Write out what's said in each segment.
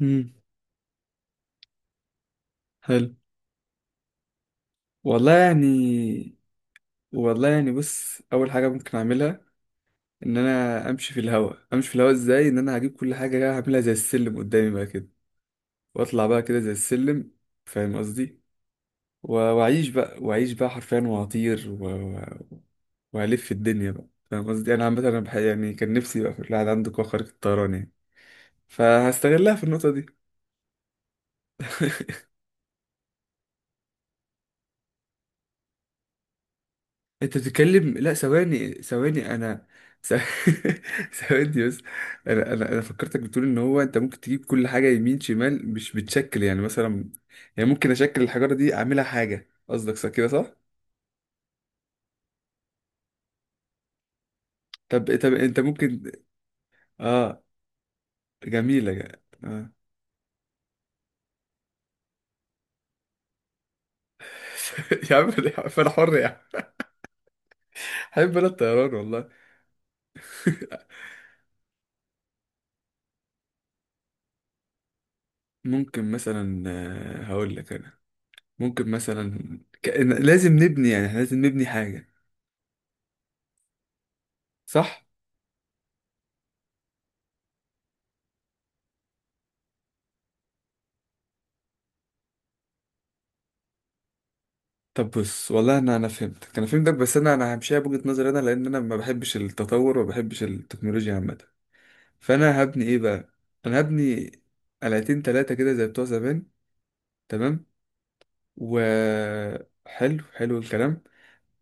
امم حلو. والله يعني، بص، اول حاجه ممكن اعملها ان انا امشي في الهواء. امشي في الهواء ازاي؟ ان انا هجيب كل حاجه كده هعملها زي السلم قدامي بقى كده، واطلع بقى كده زي السلم. فاهم قصدي؟ واعيش بقى، حرفيا، وهطير وهلف الدنيا بقى. فاهم قصدي؟ انا عامه انا يعني كان نفسي بقى في الواحد عنده قوه خارقه الطيران يعني، فهستغلها في النقطه دي. انت بتتكلم، لا ثواني ثواني انا ث- ثواني بس. انا فكرتك بتقول ان هو انت ممكن تجيب كل حاجه يمين شمال، مش بتشكل يعني مثلا. يعني ممكن اشكل الحجاره دي اعملها حاجه، قصدك صح كده، صح؟ طب، انت ممكن، اه. جميله، اه. يا عم، انا حر يا عم، حب انا الطيران والله. ممكن مثلا، آه، هقول لك انا، ممكن مثلا كأن لازم نبني، يعني احنا لازم نبني حاجه، صح؟ طب بص، والله، انا فهمتك، بس انا همشيها بوجهة نظري انا، لان انا ما بحبش التطور وما بحبش التكنولوجيا عامة. فانا هبني ايه بقى؟ انا هبني قلعتين تلاتة كده زي بتوع زمان، تمام. و حلو، حلو الكلام.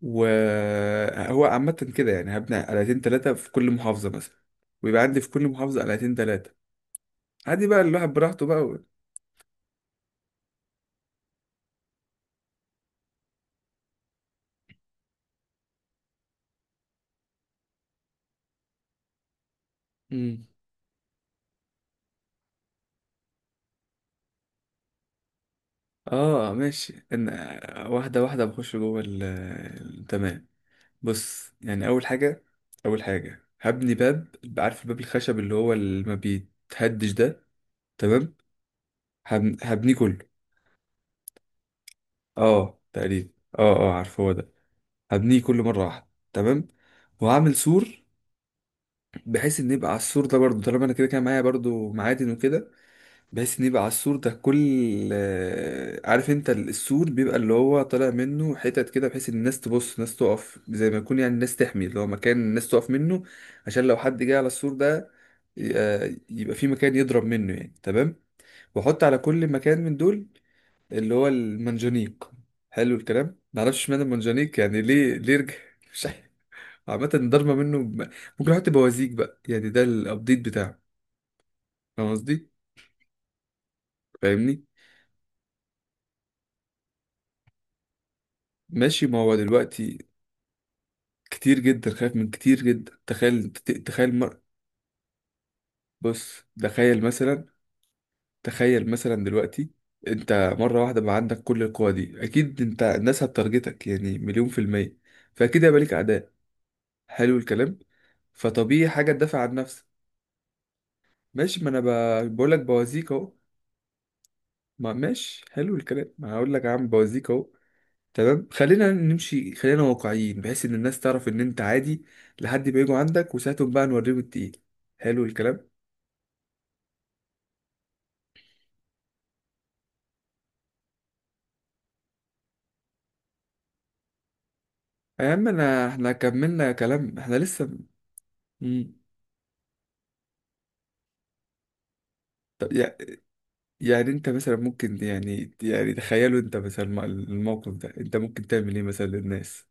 وهو عامة كده يعني هبني قلعتين تلاتة في كل محافظة مثلا، ويبقى عندي في كل محافظة قلعتين تلاتة. عادي بقى، الواحد براحته بقى، و... مم. اه ماشي، ان واحدة واحدة بخش جوه ال... تمام. بص يعني اول حاجه، هبني باب. عارف الباب الخشب اللي هو اللي ما بيتهدش ده؟ تمام. هبنيه كله. اه تقريبا. اه اه، عارف هو ده. هبنيه كله مره واحده، تمام. وهعمل سور، بحيث ان يبقى على السور ده برضو، طالما انا كده كده معايا برضو معادن وكده، بحيث ان يبقى على السور ده كل، آه، عارف انت السور بيبقى اللي هو طالع منه حتت كده، بحيث ان الناس تبص، الناس تقف زي ما يكون، يعني الناس تحمي اللي هو مكان الناس تقف منه، عشان لو حد جه على السور ده، آه، يبقى في مكان يضرب منه يعني، تمام. واحط على كل مكان من دول اللي هو المنجنيق. حلو الكلام، معرفش اشمعنى المنجنيق يعني ليه، ليه رجع مش عارف. عامة ضربة منه ممكن احط بوازيك بقى يعني، ده الابديت بتاعه. فاهم قصدي؟ فاهمني؟ ماشي، ما هو دلوقتي كتير جدا، خايف من كتير جدا، تخيل تخيل بص تخيل مثلا، تخيل مثلا دلوقتي انت مرة واحدة بقى عندك كل القوى دي، اكيد انت الناس هتارجتك يعني مليون في المية، فاكيد هيبقى ليك اعداء. حلو الكلام. فطبيعي حاجة تدافع عن نفسك. ماشي، ما انا بقول لك بوازيك اهو. ما ماشي، حلو الكلام، ما هقول لك يا عم بوازيك اهو. تمام، خلينا نمشي، خلينا واقعيين بحيث ان الناس تعرف ان انت عادي لحد ما يجوا عندك وساعتهم بقى نوريهم التقيل. حلو الكلام. يا عم انا احنا كملنا كلام، احنا لسه. مم. طب يعني انت مثلا ممكن، يعني يعني تخيلوا، انت مثلا الموقف ده انت ممكن تعمل ايه مثلا للناس؟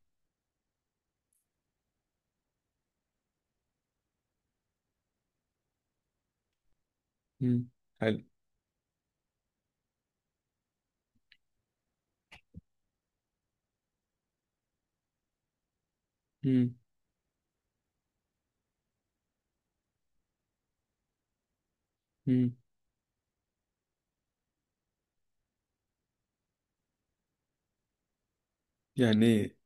مم. حلو. مم. مم. يعني ايه؟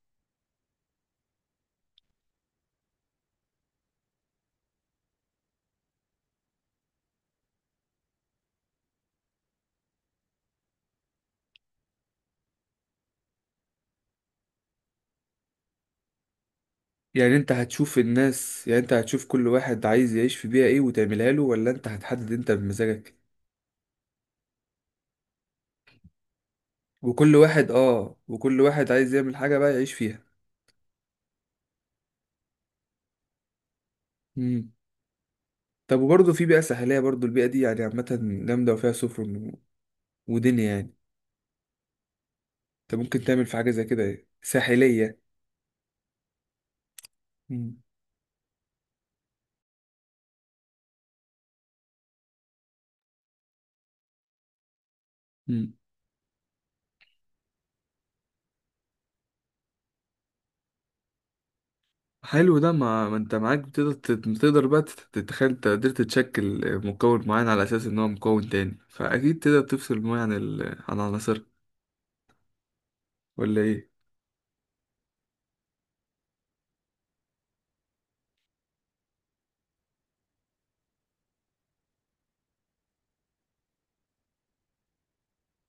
يعني انت هتشوف الناس، يعني انت هتشوف كل واحد عايز يعيش في بيئة ايه وتعملها له، ولا انت هتحدد انت بمزاجك؟ وكل واحد، اه، وكل واحد عايز يعمل حاجة بقى يعيش فيها. مم. طب وبرضه في بيئة ساحلية، برضه البيئة دي يعني عامة جامدة وفيها سفن و- ودنيا يعني، انت ممكن تعمل في حاجة زي كده ايه، ساحلية. مم. مم. حلو ده. ما ما انت معاك، بتقدر تقدر بقى تتخيل انت قدرت تشكل مكون معين على اساس ان هو مكون تاني، فاكيد تقدر تفصل الميه عن ال... عن عناصر، ولا ايه؟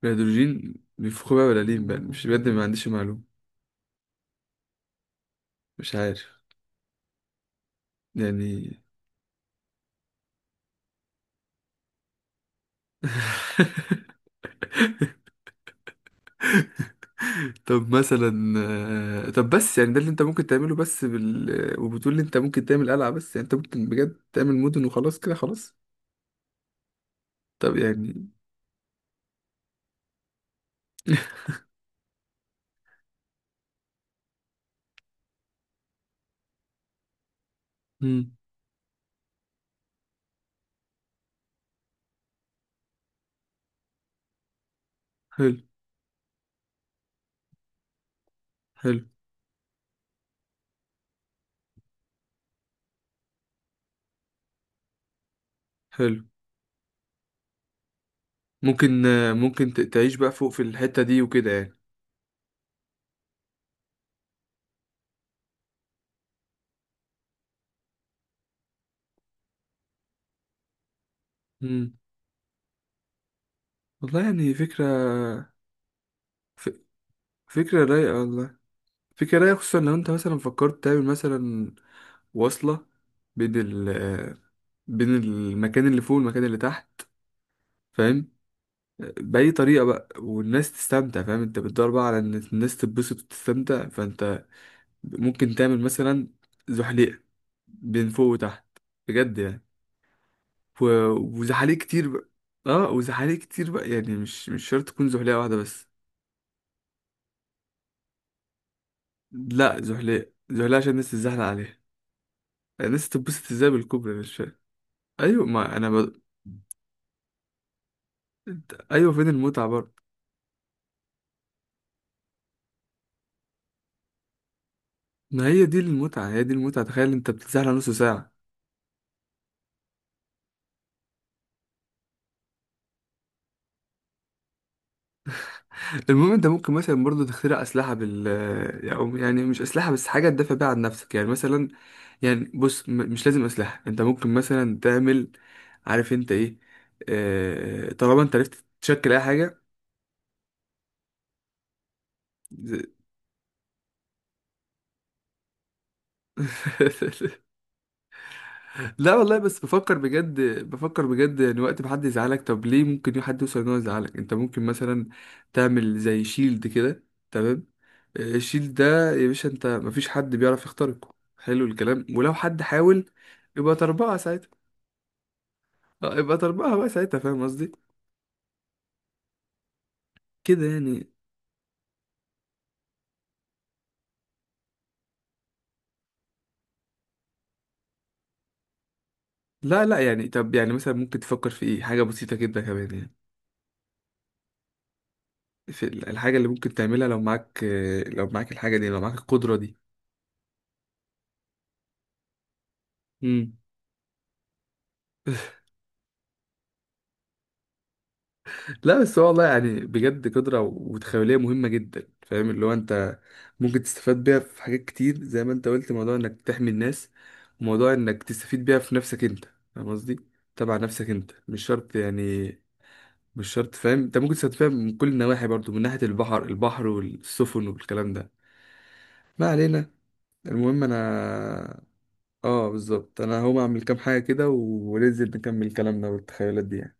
الهيدروجين بيفخوا بقى ولا ليه بقى؟ مش بجد، ما عنديش معلومه، مش عارف يعني. طب مثلا، آه، طب بس يعني ده اللي انت ممكن تعمله بس بال، وبتقول لي انت ممكن تعمل قلعه بس؟ يعني انت ممكن بجد تعمل مدن وخلاص كده؟ خلاص. طب يعني، حلو حلو حلو، ممكن، آه، ممكن تعيش بقى فوق في الحتة دي وكده يعني. مم. والله يعني فكرة. ف... فكرة رايقة والله، فكرة رايقة، خصوصا لو انت مثلا فكرت تعمل مثلا وصلة بين ال، آه، بين المكان اللي فوق والمكان اللي تحت. فاهم؟ آه، بأي طريقة بقى، والناس تستمتع. فاهم، انت بتدور بقى على ان الناس تتبسط وتستمتع، فانت ممكن تعمل مثلا زحليقة بين فوق وتحت، بجد يعني، و... وزحاليق كتير بقى. اه، وزحاليق كتير بقى، يعني مش مش شرط تكون زحليقة واحدة بس. لا، زحليقة زحليقة عشان الناس تتزحلق عليها. الناس تتبسط ازاي بالكوبري؟ أنا مش فاهم. ايوه، ما انا ايوه، فين المتعة برضه؟ ما هي دي المتعة، هي دي المتعة، تخيل انت بتتزحلق نص ساعة. المهم، انت ممكن مثلا برضه تخترع اسلحة بال، أو يعني مش اسلحة بس، حاجة تدافع بيها عن نفسك يعني مثلا. يعني بص، مش لازم اسلحة، انت ممكن مثلا تعمل، عارف انت ايه، آه، طالما انت عرفت تشكل اي حاجة. لا والله، بس بفكر بجد، بفكر بجد يعني، وقت ما حد يزعلك طب ليه ممكن حد يوصل ان هو يزعلك؟ انت ممكن مثلا تعمل زي شيلد كده، تمام، آه، الشيلد ده يا باشا انت مفيش حد بيعرف يخترقه. حلو الكلام، ولو حد حاول يبقى تربعة ساعتها. آه، يبقى تربعة بقى ساعتها، فاهم قصدي؟ كده يعني. لا لا، يعني طب يعني مثلا ممكن تفكر في ايه حاجة بسيطة جدا كمان يعني، في الحاجة اللي ممكن تعملها لو معاك، آه، لو معاك الحاجة دي، لو معاك القدرة دي. مم. لا بس هو والله يعني بجد، قدرة وتخيلية مهمة جدا، فاهم اللي هو انت ممكن تستفاد بيها في حاجات كتير، زي ما انت قلت موضوع انك تحمي الناس، وموضوع انك تستفيد بيها في نفسك انت، فاهم قصدي؟ تبع نفسك انت، مش شرط يعني، مش شرط، فاهم، انت ممكن تستفاد بيها من كل النواحي برضو، من ناحية البحر، البحر والسفن والكلام ده. ما علينا. المهم انا، اه بالظبط، انا هقوم اعمل كام حاجة كده وننزل نكمل كلامنا والتخيلات دي يعني.